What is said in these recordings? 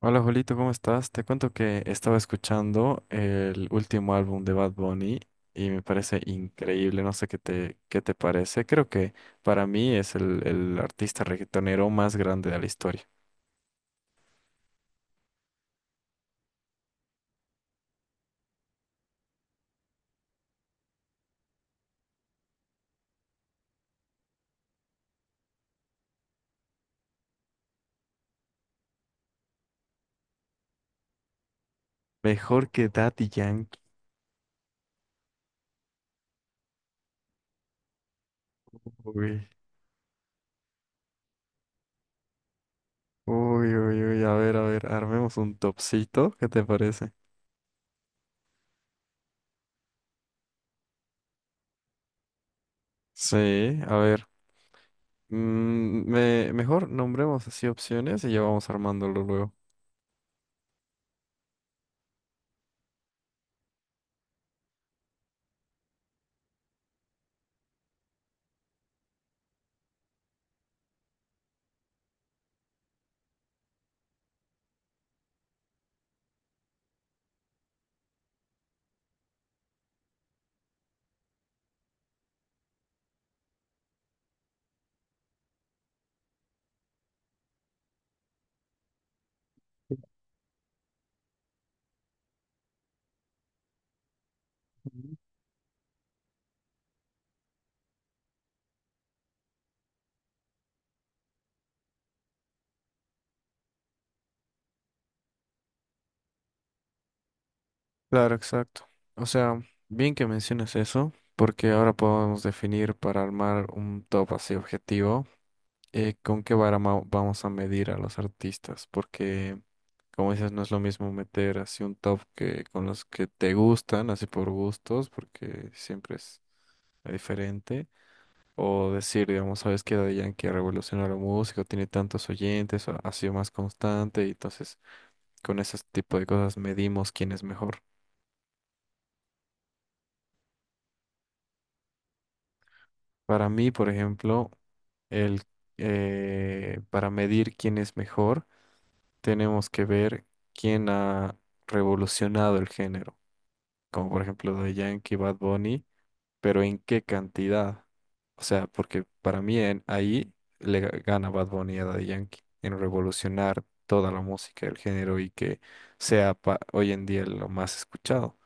Hola Julito, ¿cómo estás? Te cuento que estaba escuchando el último álbum de Bad Bunny y me parece increíble, no sé qué te parece. Creo que para mí es el artista reggaetonero más grande de la historia. Mejor que Daddy Yankee. Uy, uy, uy, uy, a ver, armemos un topcito, ¿qué te parece? Sí, a ver, mejor nombremos así opciones y ya vamos armándolo luego. Claro, exacto. O sea, bien que menciones eso, porque ahora podemos definir para armar un top así objetivo, con qué vamos a medir a los artistas, porque como dices, no es lo mismo meter así un top que con los que te gustan, así por gustos, porque siempre es diferente, o decir, digamos, sabes que Daddy Yankee revolucionó la música, tiene tantos oyentes, ha sido más constante, y entonces con ese tipo de cosas medimos quién es mejor. Para mí, por ejemplo, el, para medir quién es mejor, tenemos que ver quién ha revolucionado el género, como por ejemplo de Yankee, Bad Bunny, pero en qué cantidad. O sea, porque para mí ahí gana Bad Bunny a Daddy Yankee en revolucionar toda la música del género y que sea hoy en día lo más escuchado.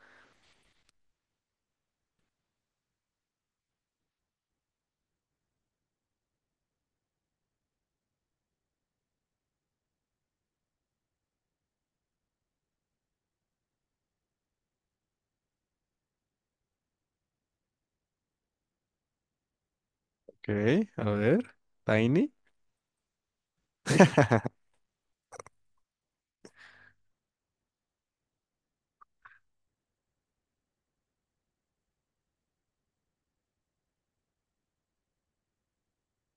Ok, a ver, Tiny.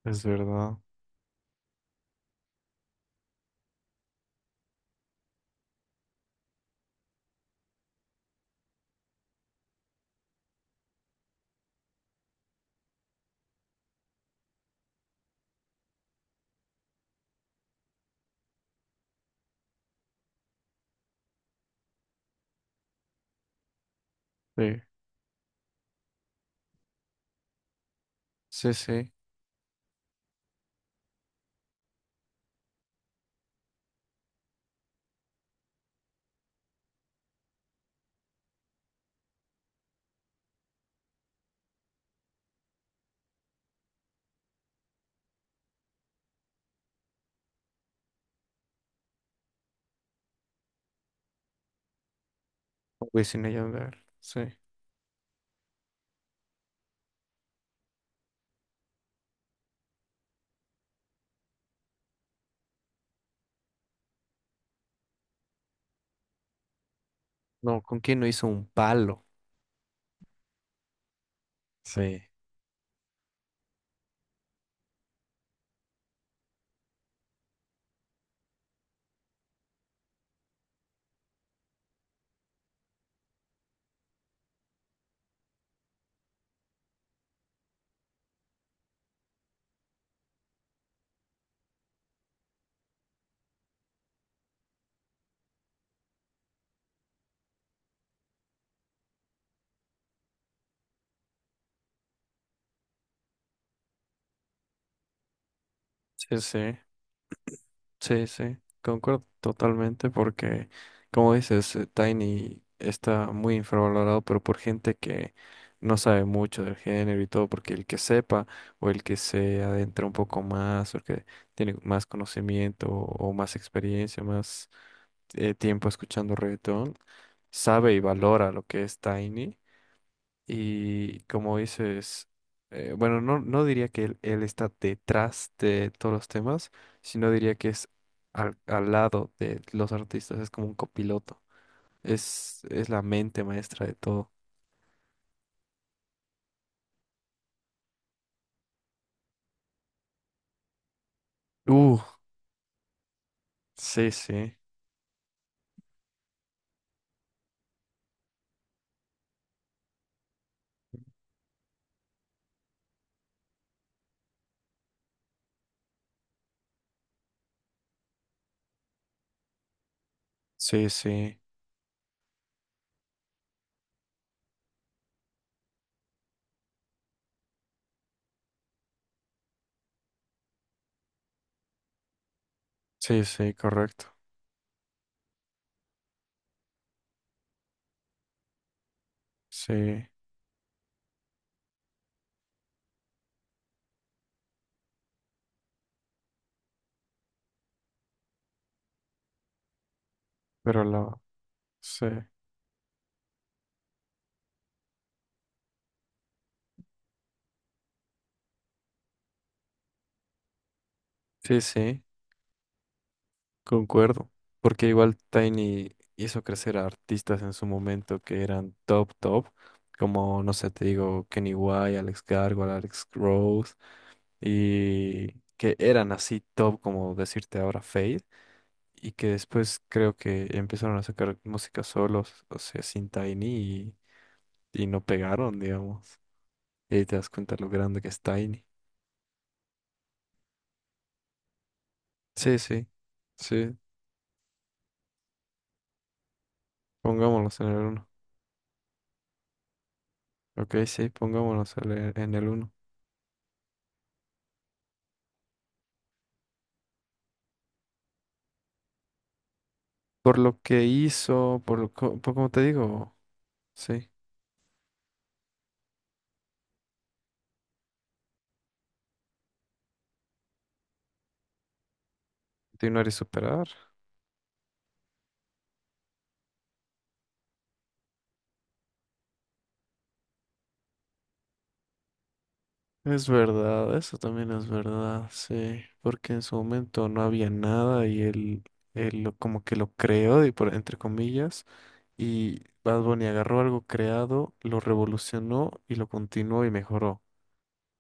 Es verdad. Sí, sí. Wisin y Yandel, sí. No, ¿con quién no hizo un palo? Sí, Sí, sí, sí Concuerdo totalmente porque, como dices, Tiny está muy infravalorado, pero por gente que no sabe mucho del género y todo, porque el que sepa o el que se adentra un poco más o el que tiene más conocimiento o más experiencia, más tiempo escuchando reggaetón, sabe y valora lo que es Tiny. Y como dices, bueno, no, no diría que él está detrás de todos los temas, sino diría que es al lado de los artistas, es como un copiloto, es la mente maestra de todo. Uh, sí, sí, sí, sí, sí, correcto, sí, pero sí, sí. Concuerdo, porque igual Tiny hizo crecer a artistas en su momento que eran top, como, no sé, te digo, Kenny White, Alex Gargoyle, Alex Rose, y que eran así top, como decirte ahora Fade, y que después creo que empezaron a sacar música solos, o sea, sin Tiny, y no pegaron, digamos. Y ahí te das cuenta lo grande que es Tiny. Sí, sí, sí, pongámoslos en el uno. Ok, sí, pongámoslos en el uno. Por lo que hizo, por como te digo, sí, continuar y superar. Es verdad, eso también es verdad, sí, porque en su momento no había nada y él, como que lo creó, y por, entre comillas, y Bad Bunny agarró algo creado, lo revolucionó y lo continuó y mejoró.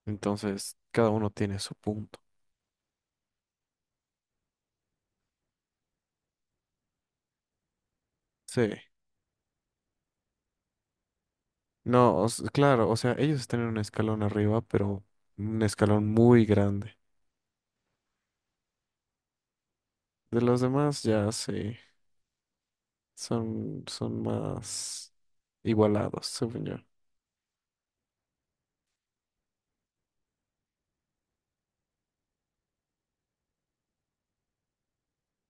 Entonces, cada uno tiene su punto. Sí, no, claro, o sea, ellos están en un escalón arriba, pero un escalón muy grande. De los demás, ya sí. Son más igualados, según yo.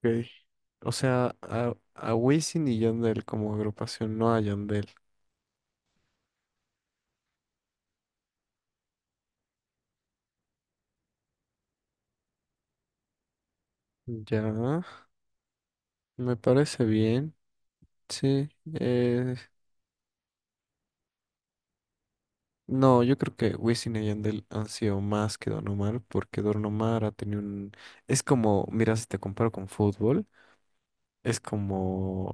Ok. O sea, a Wisin y Yandel como agrupación, no a Yandel. Ya, me parece bien. Sí. eh, no, yo creo que Wisin y Yandel han sido más que Don Omar, porque Don Omar ha tenido un... Es como, mira, si te comparo con fútbol, es como...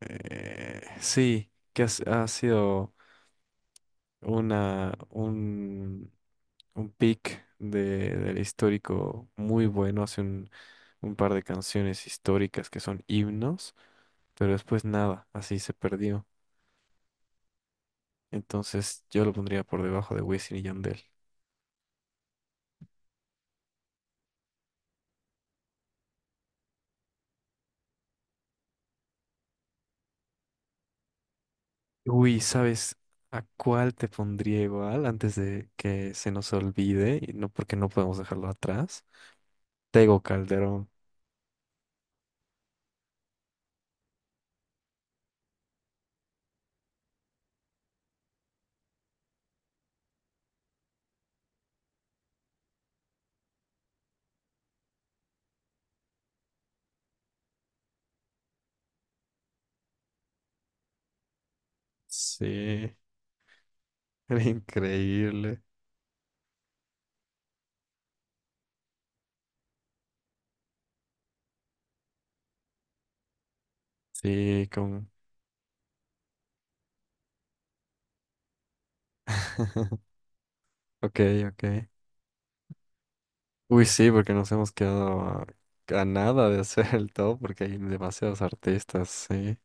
sí, que ha sido un pick de, del histórico muy bueno, hace un par de canciones históricas que son himnos, pero después nada, así se perdió. Entonces yo lo pondría por debajo de Wisin y Yandel. Uy, ¿sabes a cuál te pondría igual antes de que se nos olvide? Y no porque no podemos dejarlo atrás. Tego Calderón. Sí, era increíble. Sí, con... Ok, ok. Uy, sí, porque nos hemos quedado a nada de hacer el top porque hay demasiados artistas, sí.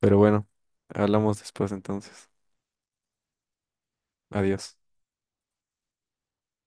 Pero bueno, hablamos después entonces. Adiós.